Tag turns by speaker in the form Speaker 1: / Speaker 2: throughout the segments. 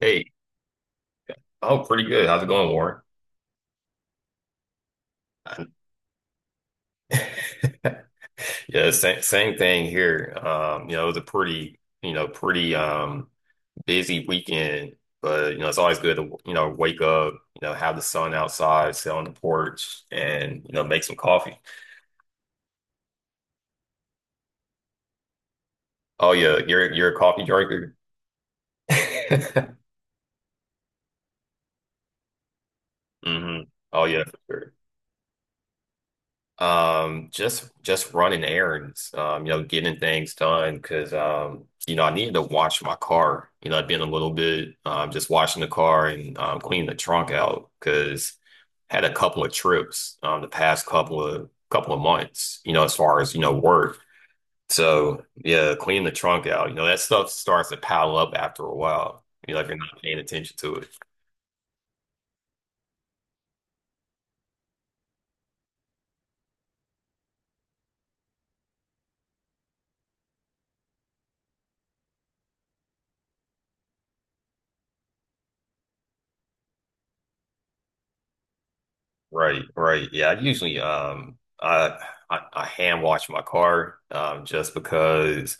Speaker 1: Hey, oh, pretty good. How's it going, Warren? Yeah, same thing here. It was a pretty, you know, pretty busy weekend, but it's always good to, wake up, have the sun outside, sit on the porch, and, make some coffee. Oh yeah, you're a coffee drinker. Hmm. Oh yeah, for sure. Just running errands, getting things done, because I needed to wash my car. I've been a little bit just washing the car, and cleaning the trunk out, because had a couple of trips the past couple of months. As far as work. So yeah, cleaning the trunk out. That stuff starts to pile up after a while. If you're not paying attention to it. Right, right. Yeah, I usually I hand wash my car, just because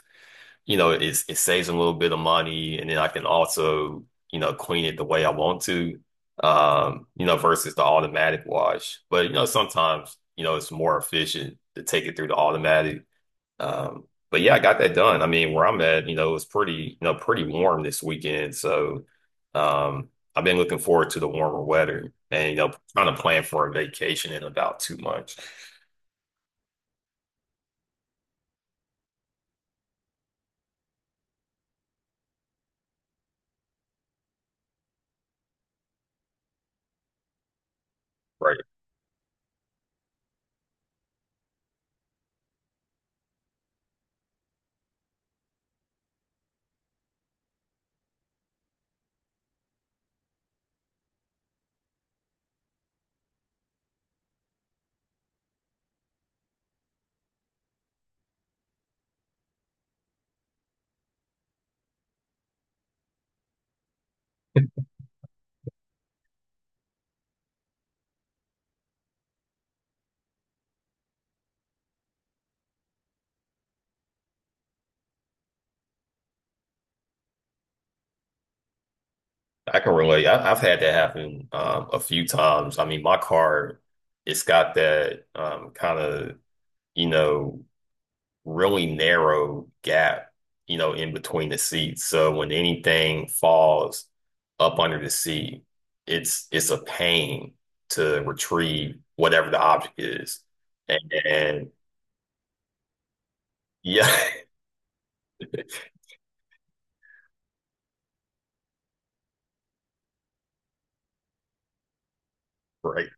Speaker 1: it saves a little bit of money, and then I can also clean it the way I want to versus the automatic wash. But sometimes it's more efficient to take it through the automatic. But yeah, I got that done. I mean, where I'm at, it's pretty warm this weekend. So um, I've been looking forward to the warmer weather, and, trying to plan for a vacation in about 2 months. Right. I can relate. I've had that happen a few times. I mean, my car, it's got that, kind of, you know, really narrow gap, in between the seats. So when anything falls up under the seat, it's a pain to retrieve whatever the object is. And yeah. Right.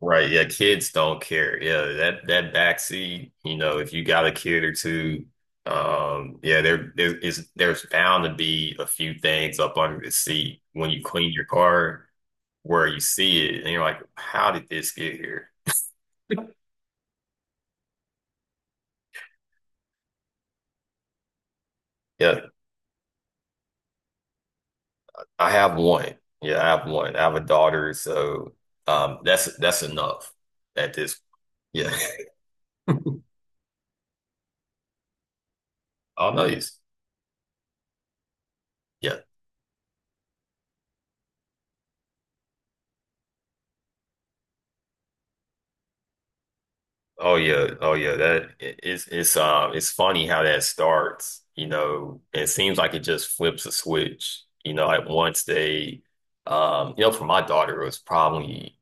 Speaker 1: Right, yeah, kids don't care. Yeah, that backseat, if you got a kid or two, yeah, there's bound to be a few things up under the seat when you clean your car, where you see it and you're like, how did this get here? Yeah, I have one. Yeah, I have one. I have a daughter, so that's enough at this. Yeah. I'll know you. Yeah. Oh yeah, oh yeah. That it- it's funny how that starts. It seems like it just flips a switch. Like once they, for my daughter, it was probably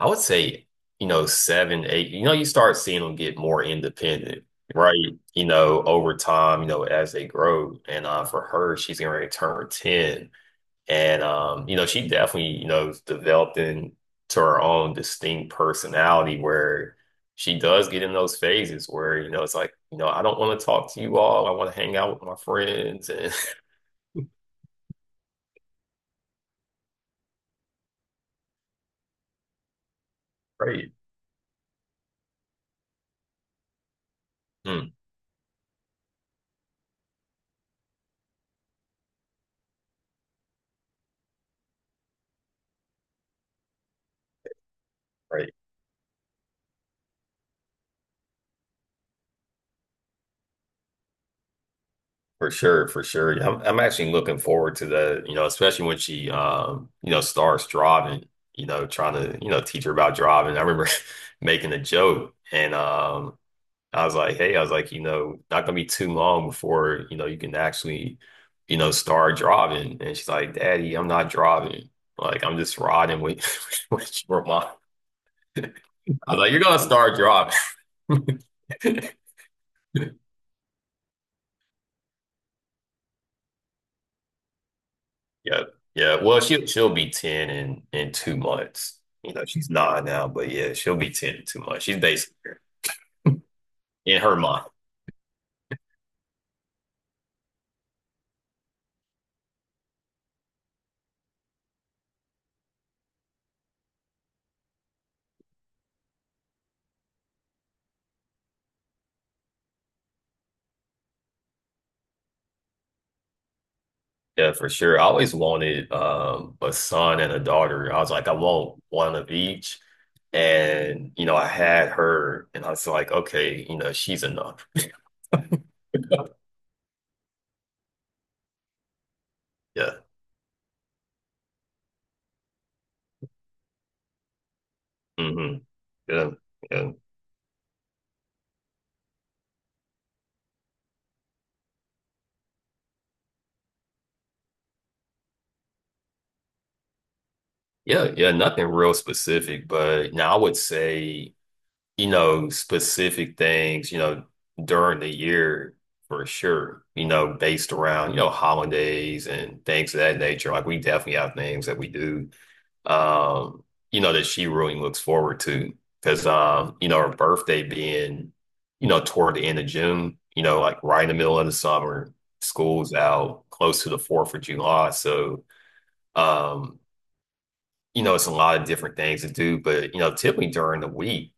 Speaker 1: I would say seven, eight. You start seeing them get more independent, right? Over time, as they grow. And for her, she's gonna return 10. And she definitely, developed into her own distinct personality, where she does get in those phases where, it's like, I don't want to talk to you all. I want to hang out with my friends, and right. Mm, right. For sure, for sure. Yeah, I'm actually looking forward to the, especially when she starts driving, trying to, teach her about driving. I remember making a joke, and I was like, hey, I was like, not gonna be too long before, you can actually, start driving. And she's like, "Daddy, I'm not driving. Like, I'm just riding with, with your mom." I was like, "You're gonna start driving." Yeah. Yeah. Well, she'll be 10 in 2 months. She's nine now, but yeah, she'll be 10 in 2 months. She's basically in her mind. Yeah, for sure. I always wanted a son and a daughter. I was like, I want one of each. And I had her, and I was like, okay, she's enough. Yeah. Hmm. Yeah. Yeah. Yeah. Yeah. Nothing real specific, but now I would say, specific things, during the year for sure, based around, holidays and things of that nature. Like we definitely have things that we do um, that she really looks forward to. Because, her birthday being, toward the end of June, like right in the middle of the summer, school's out close to the 4th of July. So, um, it's a lot of different things to do. But, typically during the week,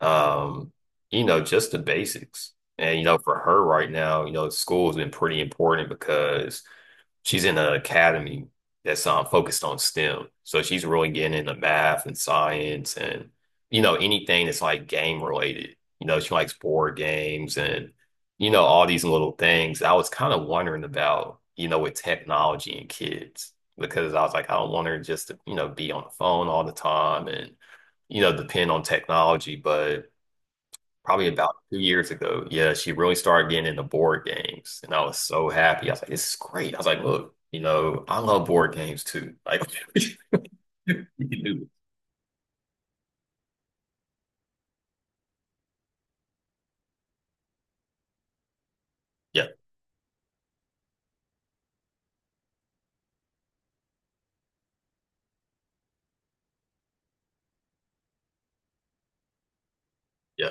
Speaker 1: um, just the basics. And, for her right now, school's been pretty important, because she's in an academy that's focused on STEM. So she's really getting into math and science, and, anything that's like game related. She likes board games, and, all these little things. I was kind of wondering about, with technology and kids, because I was like, I don't want her just to, be on the phone all the time, and, depend on technology. But probably about 2 years ago. Yeah, she really started getting into board games, and I was so happy. I was like, "This is great." I was like, "Look, I love board games too. Like, you can do it." Yeah, yeah.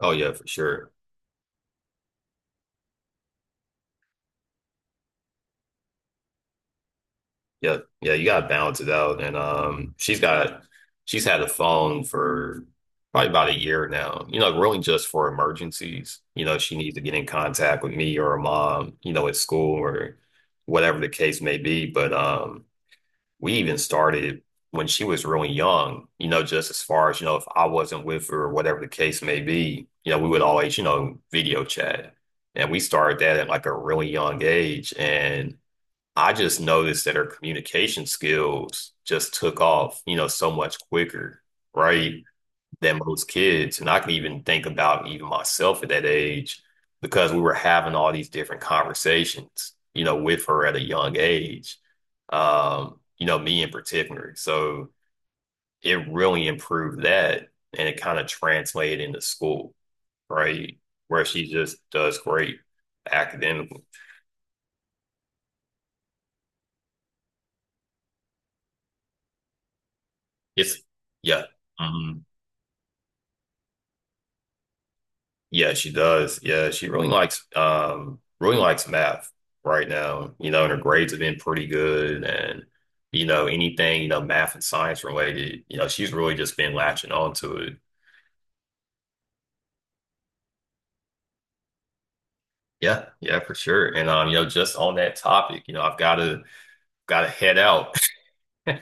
Speaker 1: Oh yeah, for sure. Yeah, yeah. You gotta balance it out, and she's had a phone for probably about a year now. Really just for emergencies. She needs to get in contact with me or her mom, at school or whatever the case may be, but. We even started when she was really young, just as far as, if I wasn't with her or whatever the case may be, we would always, video chat. And we started that at like a really young age. And I just noticed that her communication skills just took off, so much quicker, right? Than most kids. And I can even think about even myself at that age, because we were having all these different conversations, with her at a young age, me in particular. So it really improved that, and it kind of translated into school, right? Where she just does great academically. It's, yeah. Mm-hmm. Yeah, she does. Yeah, she really likes math right now. And her grades have been pretty good, and anything, math and science related, she's really just been latching on to it. Yeah, yeah, for sure. And just on that topic, I've gotta head out. All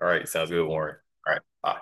Speaker 1: right, sounds good, Warren. All right, bye.